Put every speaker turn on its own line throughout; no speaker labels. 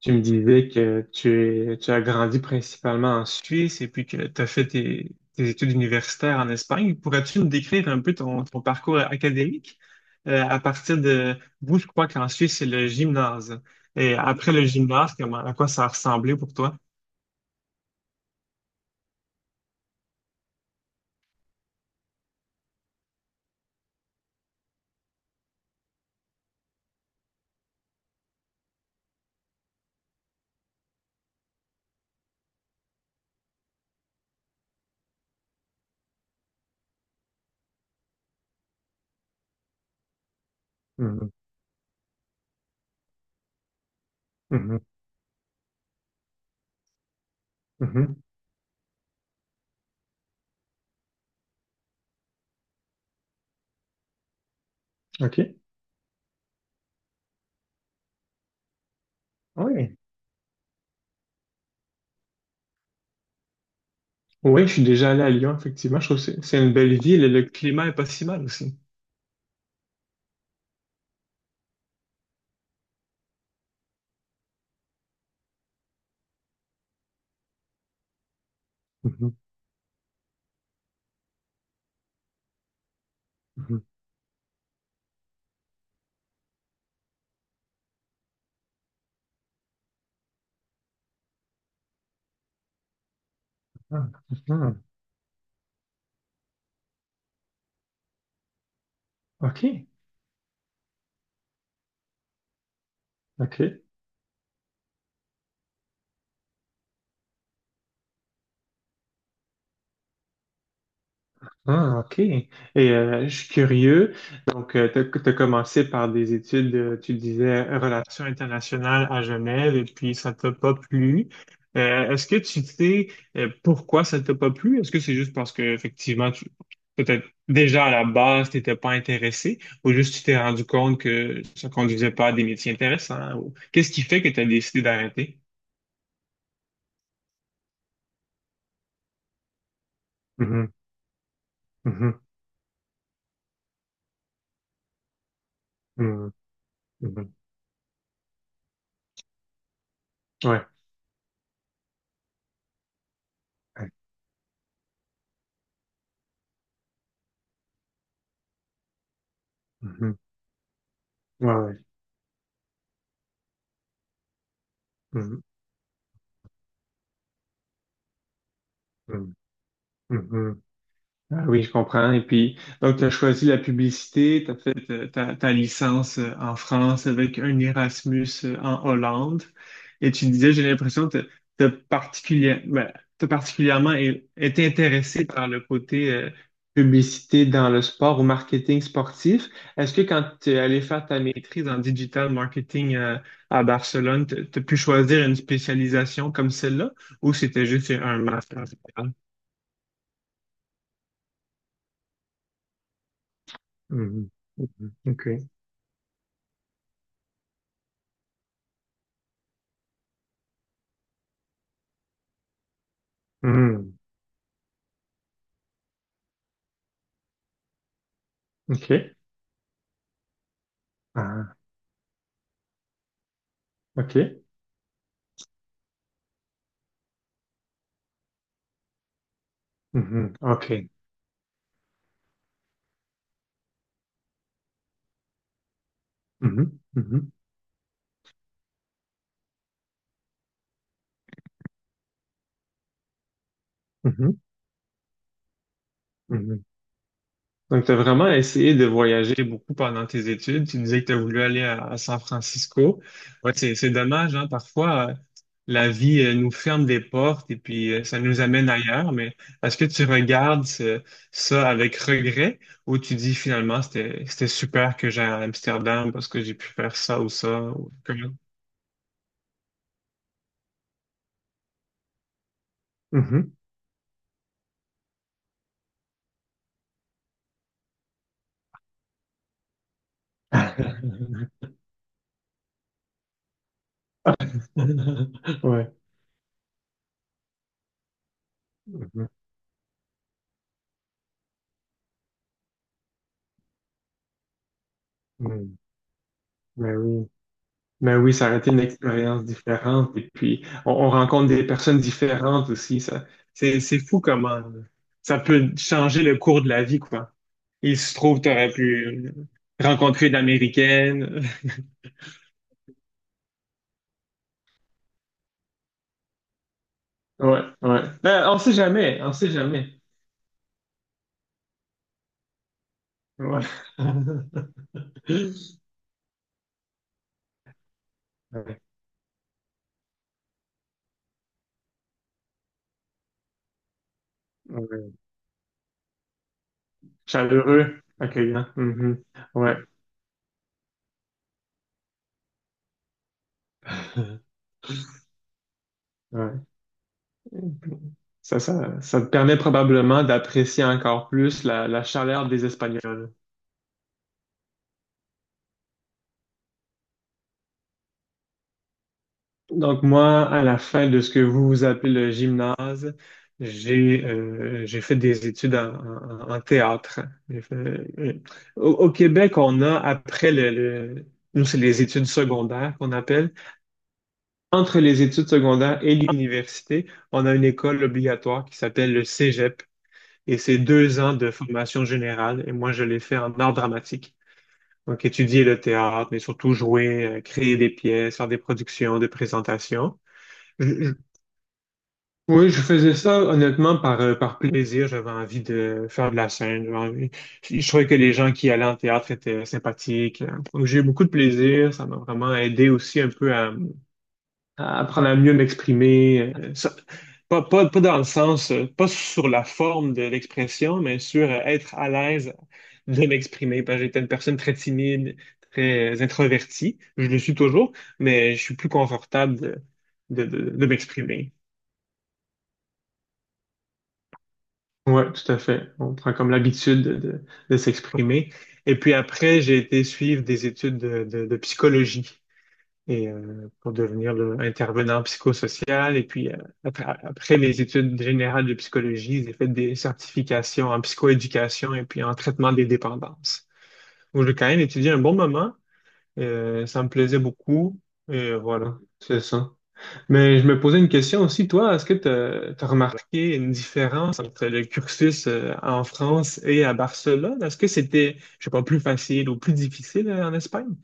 Tu me disais que tu as grandi principalement en Suisse et puis que tu as fait tes études universitaires en Espagne. Pourrais-tu nous décrire un peu ton parcours académique? À partir de vous, je crois qu'en Suisse, c'est le gymnase. Et après le gymnase, comment, à quoi ça a ressemblé pour toi? Mhm, mhm, mhm. OK. Oui. Oui, je suis déjà allé à Lyon, effectivement. Je trouve que c'est une belle ville et le climat est pas si mal aussi. Mhm, mhm. Ah, mhm. OK. OK. Ah, OK. Et je suis curieux. Donc, tu as commencé par des études, tu disais, relations internationales à Genève, et puis ça t'a pas plu. Est-ce que tu sais pourquoi ça t'a pas plu? Est-ce que c'est juste parce que, effectivement, peut-être déjà à la base, tu n'étais pas intéressé, ou juste tu t'es rendu compte que ça conduisait pas à des métiers intéressants? Qu'est-ce qui fait que tu as décidé d'arrêter? Mhm, mhm, mhm, mhm. Ouais. Ouais. Mhm. Ouais, ouais. Mhm, mhm, mhm. Ah oui, je comprends. Et puis, donc, tu as choisi la publicité, tu as fait ta licence en France avec un Erasmus en Hollande. Et tu disais, j'ai l'impression que tu as particulièrement été intéressé par le côté publicité dans le sport ou marketing sportif. Est-ce que quand tu es allé faire ta maîtrise en digital marketing à Barcelone, tu as pu choisir une spécialisation comme celle-là ou c'était juste un master général? Mhm. Mhm. OK. Mhm. Ok. Ah, Ok. Mhm. Okay. Mhm. Mhm. Mhm. Mhm. Donc, tu as vraiment essayé de voyager beaucoup pendant tes études. Tu disais que tu as voulu aller à San Francisco. Ouais, c'est dommage, hein. Parfois, la vie, nous ferme des portes et puis, ça nous amène ailleurs. Mais est-ce que tu regardes ça avec regret ou tu dis finalement, c'était super que j'aille à Amsterdam parce que j'ai pu faire ça ou ça ou comment? Mhm. Ouais. Mhm. Mhm. Mais oui. Mais oui, ça aurait été une expérience différente. Et puis, on rencontre des personnes différentes aussi. Ça, c'est fou comment ça peut changer le cours de la vie, quoi. Il se trouve, tu aurais pu rencontrer une Américaine. Ouais, ouais. Ben, on sait jamais, on sait jamais. Ouais. Ouais, ouais. Chaleureux, accueillant. Mhm. Ouais. Ouais. Ça te permet probablement d'apprécier encore plus la chaleur des Espagnols. Donc moi, à la fin de ce que vous vous appelez le gymnase, j'ai fait des études en théâtre. J'ai fait- euh, au Québec, on a après nous c'est les études secondaires qu'on appelle. Entre les études secondaires et l'université, on a une école obligatoire qui s'appelle le Cégep et c'est 2 ans de formation générale. Et moi, je l'ai fait en art dramatique. Donc, étudier le théâtre, mais surtout jouer, créer des pièces, faire des productions, des présentations. Je- je- oui, je faisais ça honnêtement par plaisir. J'avais envie de faire de la scène. Je trouvais que les gens qui allaient en théâtre étaient sympathiques. Donc, j'ai eu beaucoup de plaisir. Ça m'a vraiment aidé aussi un peu à apprendre à mieux m'exprimer. Pas dans le sens, pas sur la forme de l'expression, mais sur être à l'aise de m'exprimer. Parce que j'étais une personne très timide, très introvertie. Je le suis toujours, mais je suis plus confortable de m'exprimer. Ouais, tout à fait. On prend comme l'habitude de s'exprimer. Et puis après, j'ai été suivre des études de psychologie. Et pour devenir là, intervenant psychosocial. Et puis, après les études générales de psychologie, j'ai fait des certifications en psychoéducation et puis en traitement des dépendances. Donc, j'ai quand même étudié un bon moment. Ça me plaisait beaucoup. Et voilà, c'est ça. Mais je me posais une question aussi, toi, est-ce que tu as remarqué une différence entre le cursus en France et à Barcelone? Est-ce que c'était, je sais pas, plus facile ou plus difficile en Espagne?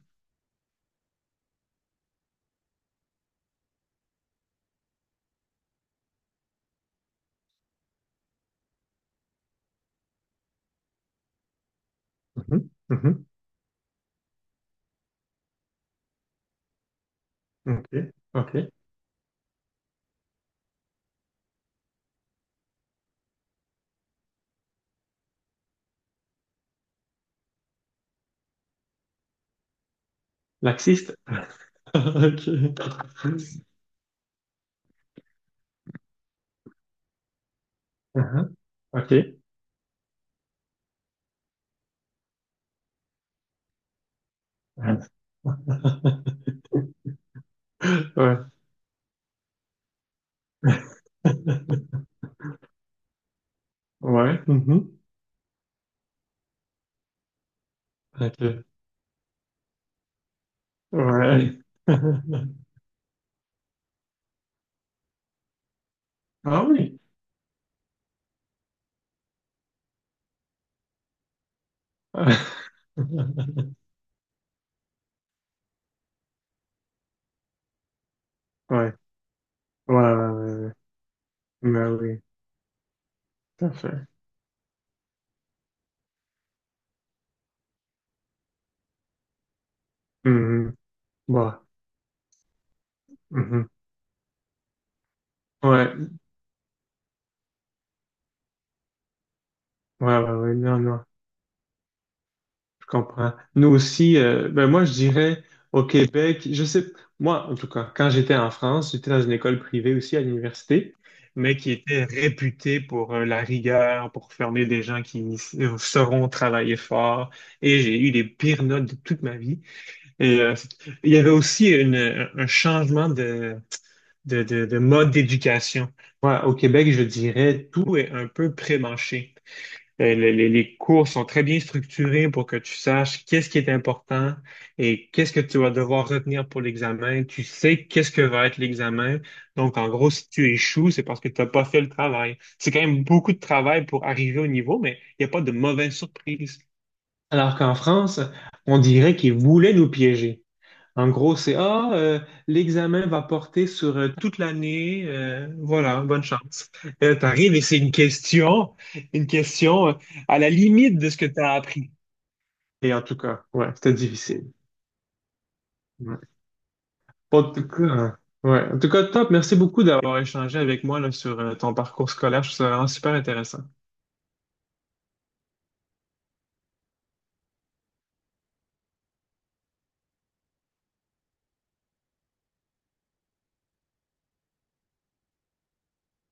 Mhm, mhm. OK, OK. Laxiste? Ok. Mhm. Ok. Ouais. Ouais. Mhm. Ok. Ouais. Ah oui. Ouais. Ouais, ouais, ouais. Mais oui, tout à fait. Mhm. Bon. Mhm. Ouais. Ouais, ouais, ouais. Non, non. Je comprends. Nous aussi, ben moi, je dirais au Québec, je sais, moi, en tout cas, quand j'étais en France, j'étais dans une école privée aussi à l'université, mais qui était réputée pour la rigueur, pour former des gens qui sauront travailler fort. Et j'ai eu les pires notes de toute ma vie. Et il y avait aussi un changement de mode d'éducation. Moi, au Québec, je dirais, tout est un peu prémâché. Les cours sont très bien structurés pour que tu saches qu'est-ce qui est important et qu'est-ce que tu vas devoir retenir pour l'examen. Tu sais qu'est-ce que va être l'examen. Donc, en gros, si tu échoues, c'est parce que tu n'as pas fait le travail. C'est quand même beaucoup de travail pour arriver au niveau, mais il n'y a pas de mauvaise surprise. Alors qu'en France, on dirait qu'ils voulaient nous piéger. En gros, c'est ah, l'examen va porter sur toute l'année. Voilà, bonne chance. T'arrives et c'est une question, une question euh, à la limite de ce que tu as appris. Et en tout cas, ouais, c'était difficile. Ouais. En tout cas, hein, ouais. En tout cas, top. Merci beaucoup d'avoir échangé avec moi là, sur ton parcours scolaire. Je trouve ça vraiment super intéressant.